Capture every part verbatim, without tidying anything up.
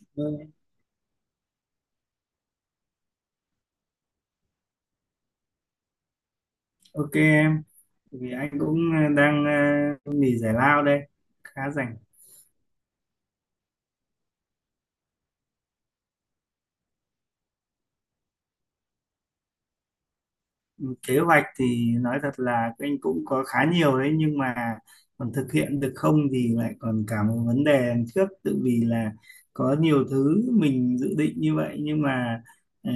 Ừ, ok em, vì anh cũng ờ, đang ờ, nghỉ giải lao đây, khá rảnh. Kế hoạch thì nói thật là anh cũng có khá nhiều đấy, nhưng mà còn thực hiện được không thì lại còn cả một vấn đề đằng trước, tự vì là có nhiều thứ mình dự định như vậy nhưng mà ờ,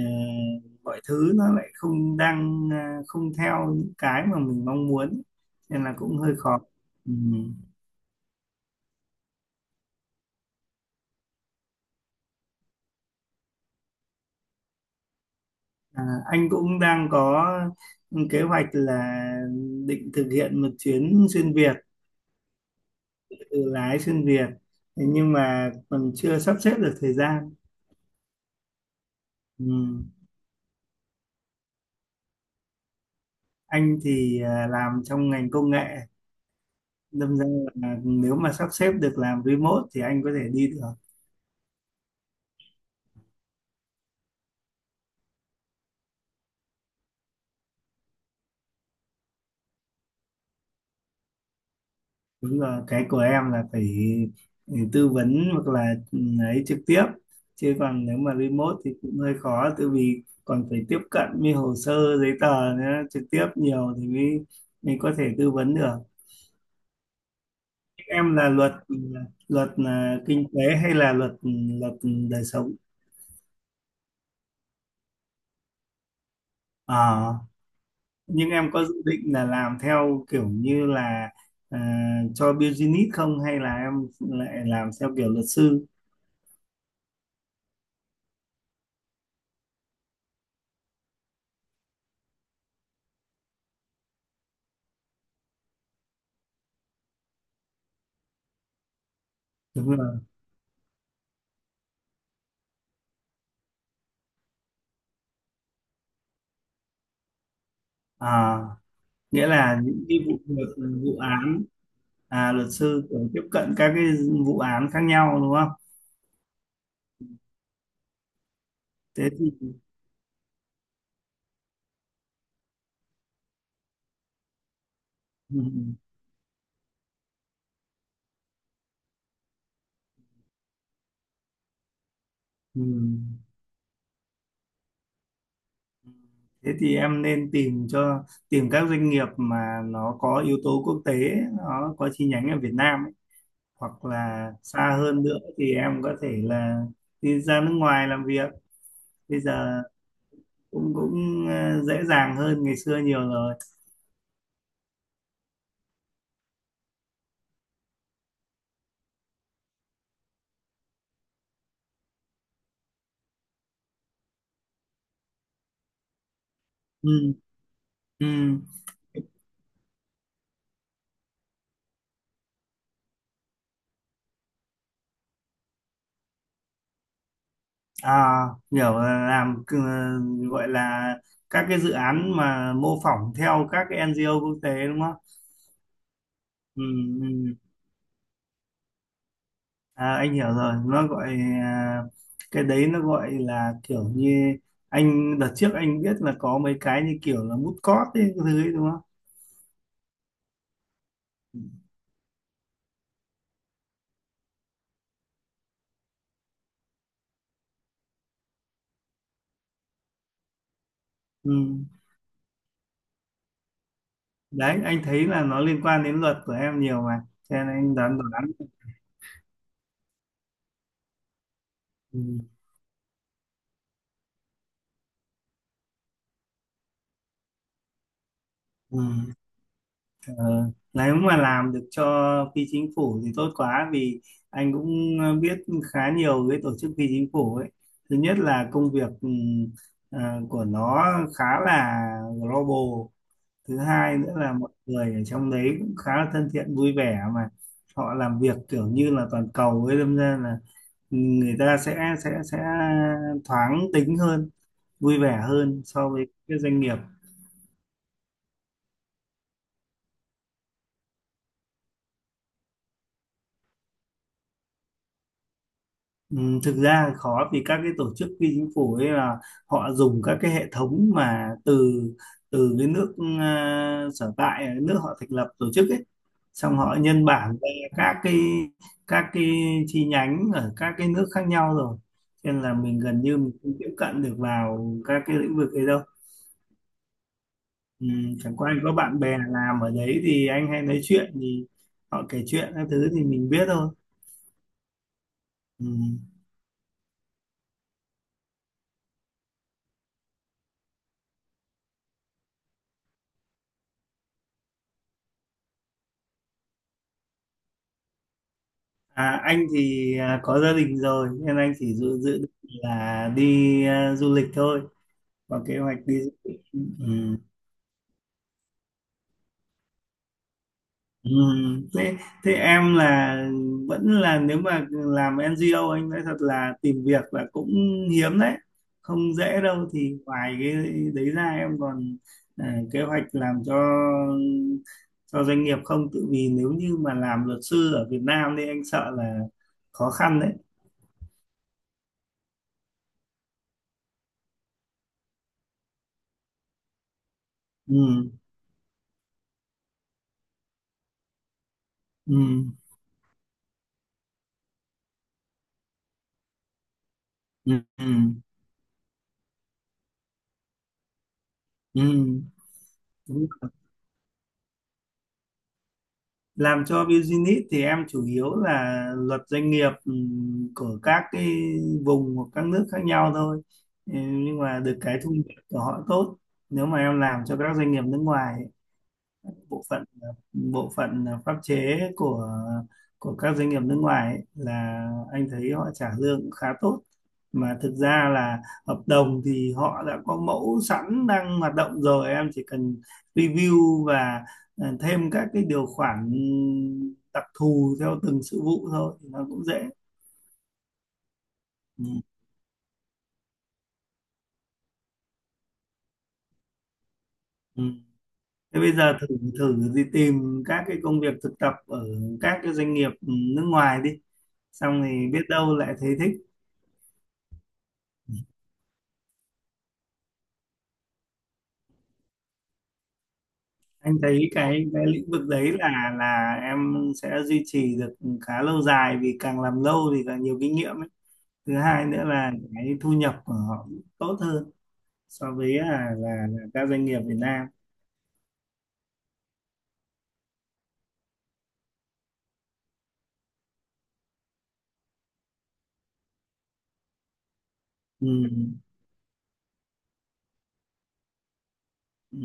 mọi thứ nó lại không đang ờ, không theo những cái mà mình mong muốn nên là cũng hơi khó. Ừ. À, anh cũng đang có kế hoạch là định thực hiện một chuyến xuyên Việt, tự lái xuyên Việt, thế nhưng mà còn chưa sắp xếp được thời gian. Ừ. Anh thì à, làm trong ngành công nghệ, đâm ra là nếu mà sắp xếp được làm remote thì anh có thể đi được. Đúng rồi, cái của em là phải ừ, tư vấn hoặc là ừ, ấy trực tiếp, chứ còn nếu mà remote thì cũng hơi khó tại vì còn phải tiếp cận với hồ sơ giấy tờ nữa, trực tiếp nhiều thì mới mới có thể tư vấn được. Em là luật ừ, luật là kinh tế hay là luật ừ, luật đời sống? À, nhưng em có dự định là làm theo kiểu như là à, cho business không, hay là em lại làm theo kiểu luật sư? Đúng rồi, à nghĩa là những cái vụ việc vụ án, à, luật sư cũng tiếp cận các cái vụ án khác nhau đúng không? Thế thì ừ, ừ, ừ. Thế thì em nên tìm cho tìm các doanh nghiệp mà nó có yếu tố quốc tế, nó có chi nhánh ở Việt Nam ấy. Hoặc là xa hơn nữa thì em có thể là đi ra nước ngoài làm việc, bây giờ cũng cũng ờ, dễ dàng hơn ngày xưa nhiều rồi. Ừ, ừ. À, hiểu là làm c- gọi là các cái dự án mà mô phỏng theo các cái N G O quốc tế đúng không? Ừ, ừ. À, anh hiểu rồi, nó gọi à, cái đấy nó gọi là kiểu như anh đợt trước anh biết là có mấy cái như kiểu là mút cót ấy, cái thứ ấy đúng không? Ừ. Đấy, anh thấy là nó liên quan đến luật của em nhiều mà, cho nên anh đoán đoán. Ừ. Ừ. Ờ, Nếu mà làm được cho phi chính phủ thì tốt quá, vì anh cũng ờ, biết khá nhiều cái tổ chức phi chính phủ ấy. Thứ nhất là công việc ừm, ờ, của nó khá là global. Thứ hai nữa là mọi người ở trong đấy cũng khá là thân thiện, vui vẻ, mà họ làm việc kiểu như là toàn cầu ấy, đâm ra là người ta sẽ sẽ sẽ thoáng tính hơn, vui vẻ hơn so với các doanh nghiệp. Ừ, thực ra khó, vì các cái tổ chức phi chính phủ ấy là họ dùng các cái hệ thống mà từ từ cái nước ờ, sở tại, cái nước họ thành lập tổ chức ấy, xong họ nhân bản ra các cái các cái chi nhánh ở các cái nước khác nhau rồi, cho nên là mình gần như mình không tiếp cận được vào các cái lĩnh vực ấy đâu. Ừ, chẳng qua anh có bạn bè làm ở đấy thì anh hay nói chuyện, thì họ kể chuyện các thứ thì mình biết thôi. Ừ. À, anh thì à, có gia đình rồi nên anh chỉ dự dự định là đi à, du lịch thôi, có kế hoạch đi du lịch. Ừ. Ừ. Thế thế em là, vẫn là nếu mà làm en giê o anh nói thật là tìm việc là cũng hiếm đấy, không dễ đâu. Thì ngoài cái đấy ra em còn à, kế hoạch làm cho cho doanh nghiệp không, tự vì nếu như mà làm luật sư ở Việt Nam thì anh sợ là khó khăn đấy. Ừ. Ừ. Ừ. Ừ. Ừ, đúng rồi. Làm cho business thì em chủ yếu là luật doanh nghiệp, ừ, của các cái vùng hoặc các nước khác nhau thôi. Ừ, nhưng mà được cái thu nhập của họ tốt nếu mà em làm cho các doanh nghiệp nước ngoài. bộ phận bộ phận pháp chế của của các doanh nghiệp nước ngoài ấy, là anh thấy họ trả lương cũng khá tốt, mà thực ra là hợp đồng thì họ đã có mẫu sẵn đang hoạt động rồi, em chỉ cần review và ờ, thêm các cái điều khoản đặc thù theo từng sự vụ thôi thì nó cũng dễ. Ừ. Ừ. Thế bây giờ thử thử đi tìm các cái công việc thực tập ở các cái doanh nghiệp nước ngoài đi, xong thì biết đâu lại thấy thích. Anh thấy cái cái lĩnh vực đấy là là em sẽ duy trì được khá lâu dài, vì càng làm lâu thì càng nhiều kinh nghiệm ấy. Thứ hai nữa là cái thu nhập của họ tốt hơn so với là là, là các doanh nghiệp Việt Nam. Ừ. Ừ.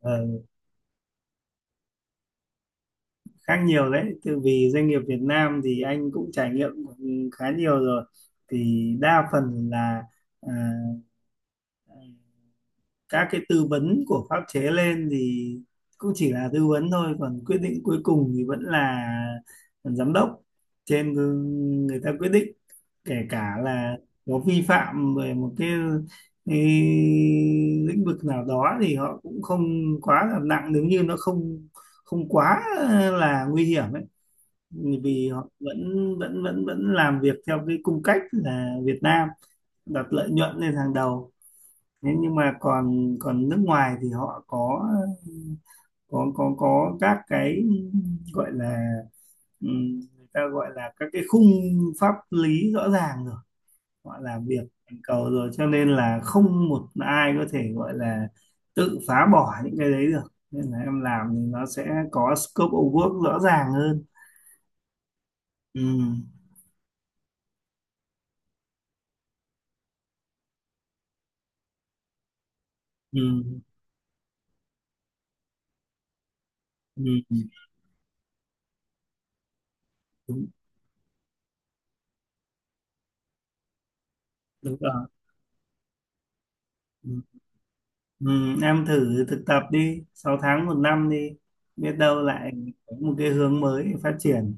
Ờ, Khác nhiều đấy, từ vì doanh nghiệp Việt Nam thì anh cũng trải nghiệm khá nhiều rồi, thì đa phần là à, các cái tư vấn của pháp chế lên thì cũng chỉ là tư vấn thôi, còn quyết định cuối cùng thì vẫn là giám đốc trên, người ta quyết định. Kể cả là có vi phạm về một cái, cái lĩnh vực nào đó thì họ cũng không quá là nặng, nếu như nó không không quá là nguy hiểm ấy, vì họ vẫn vẫn vẫn vẫn làm việc theo cái cung cách là Việt Nam, đặt lợi nhuận lên hàng đầu. Thế nhưng mà còn còn nước ngoài thì họ có có có có các cái, gọi là ừm, người ta gọi là các cái khung pháp lý rõ ràng rồi, họ làm việc toàn cầu rồi cho nên là không một ai có thể gọi là tự phá bỏ những cái đấy được, nên là em làm thì nó sẽ có scope of work rõ ràng hơn. Ừ, ừ, ừ, ừ. Đúng, đúng rồi. Ừ. Ừ, em thử thực tập đi sáu tháng một năm đi, biết đâu lại có một cái hướng mới để phát triển.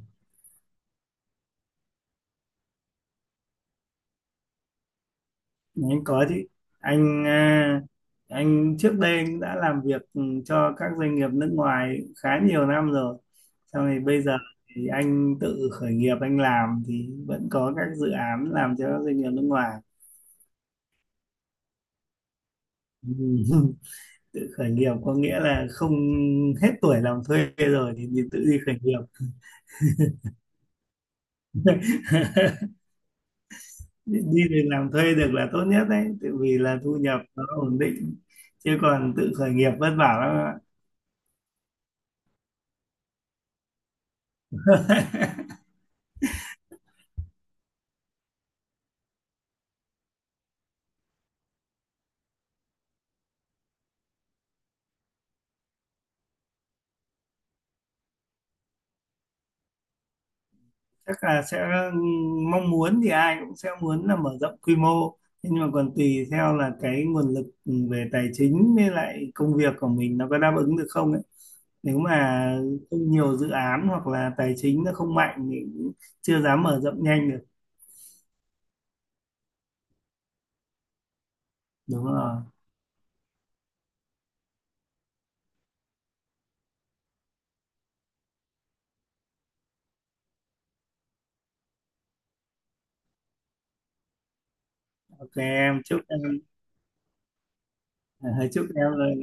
Anh có chứ, anh à, anh trước đây anh đã làm việc ừ, cho các doanh nghiệp nước ngoài khá nhiều năm rồi, sau này bây giờ thì anh tự khởi nghiệp, anh làm thì vẫn có các dự án làm cho các doanh nghiệp nước ngoài. Ừ. Tự khởi nghiệp có nghĩa là không, hết tuổi làm thuê rồi thì, thì, tự đi khởi nghiệp. đi đi làm thuê được là tốt nhất đấy, tại vì là thu nhập nó ổn định, chứ còn tự khởi nghiệp vất vả lắm ạ. Chắc là sẽ, mong muốn thì ai cũng sẽ muốn là mở rộng quy mô. Thế nhưng mà còn tùy theo là cái nguồn lực về tài chính với lại công việc của mình nó có đáp ứng được không ấy, nếu mà không nhiều dự án hoặc là tài chính nó không mạnh thì cũng chưa dám mở rộng nhanh được. Đúng rồi, ok em, chúc em chúc em rồi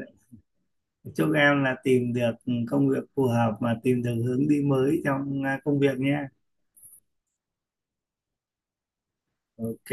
chúc em là tìm được công việc phù hợp, mà tìm được hướng đi mới trong à, công việc nhé. Ok.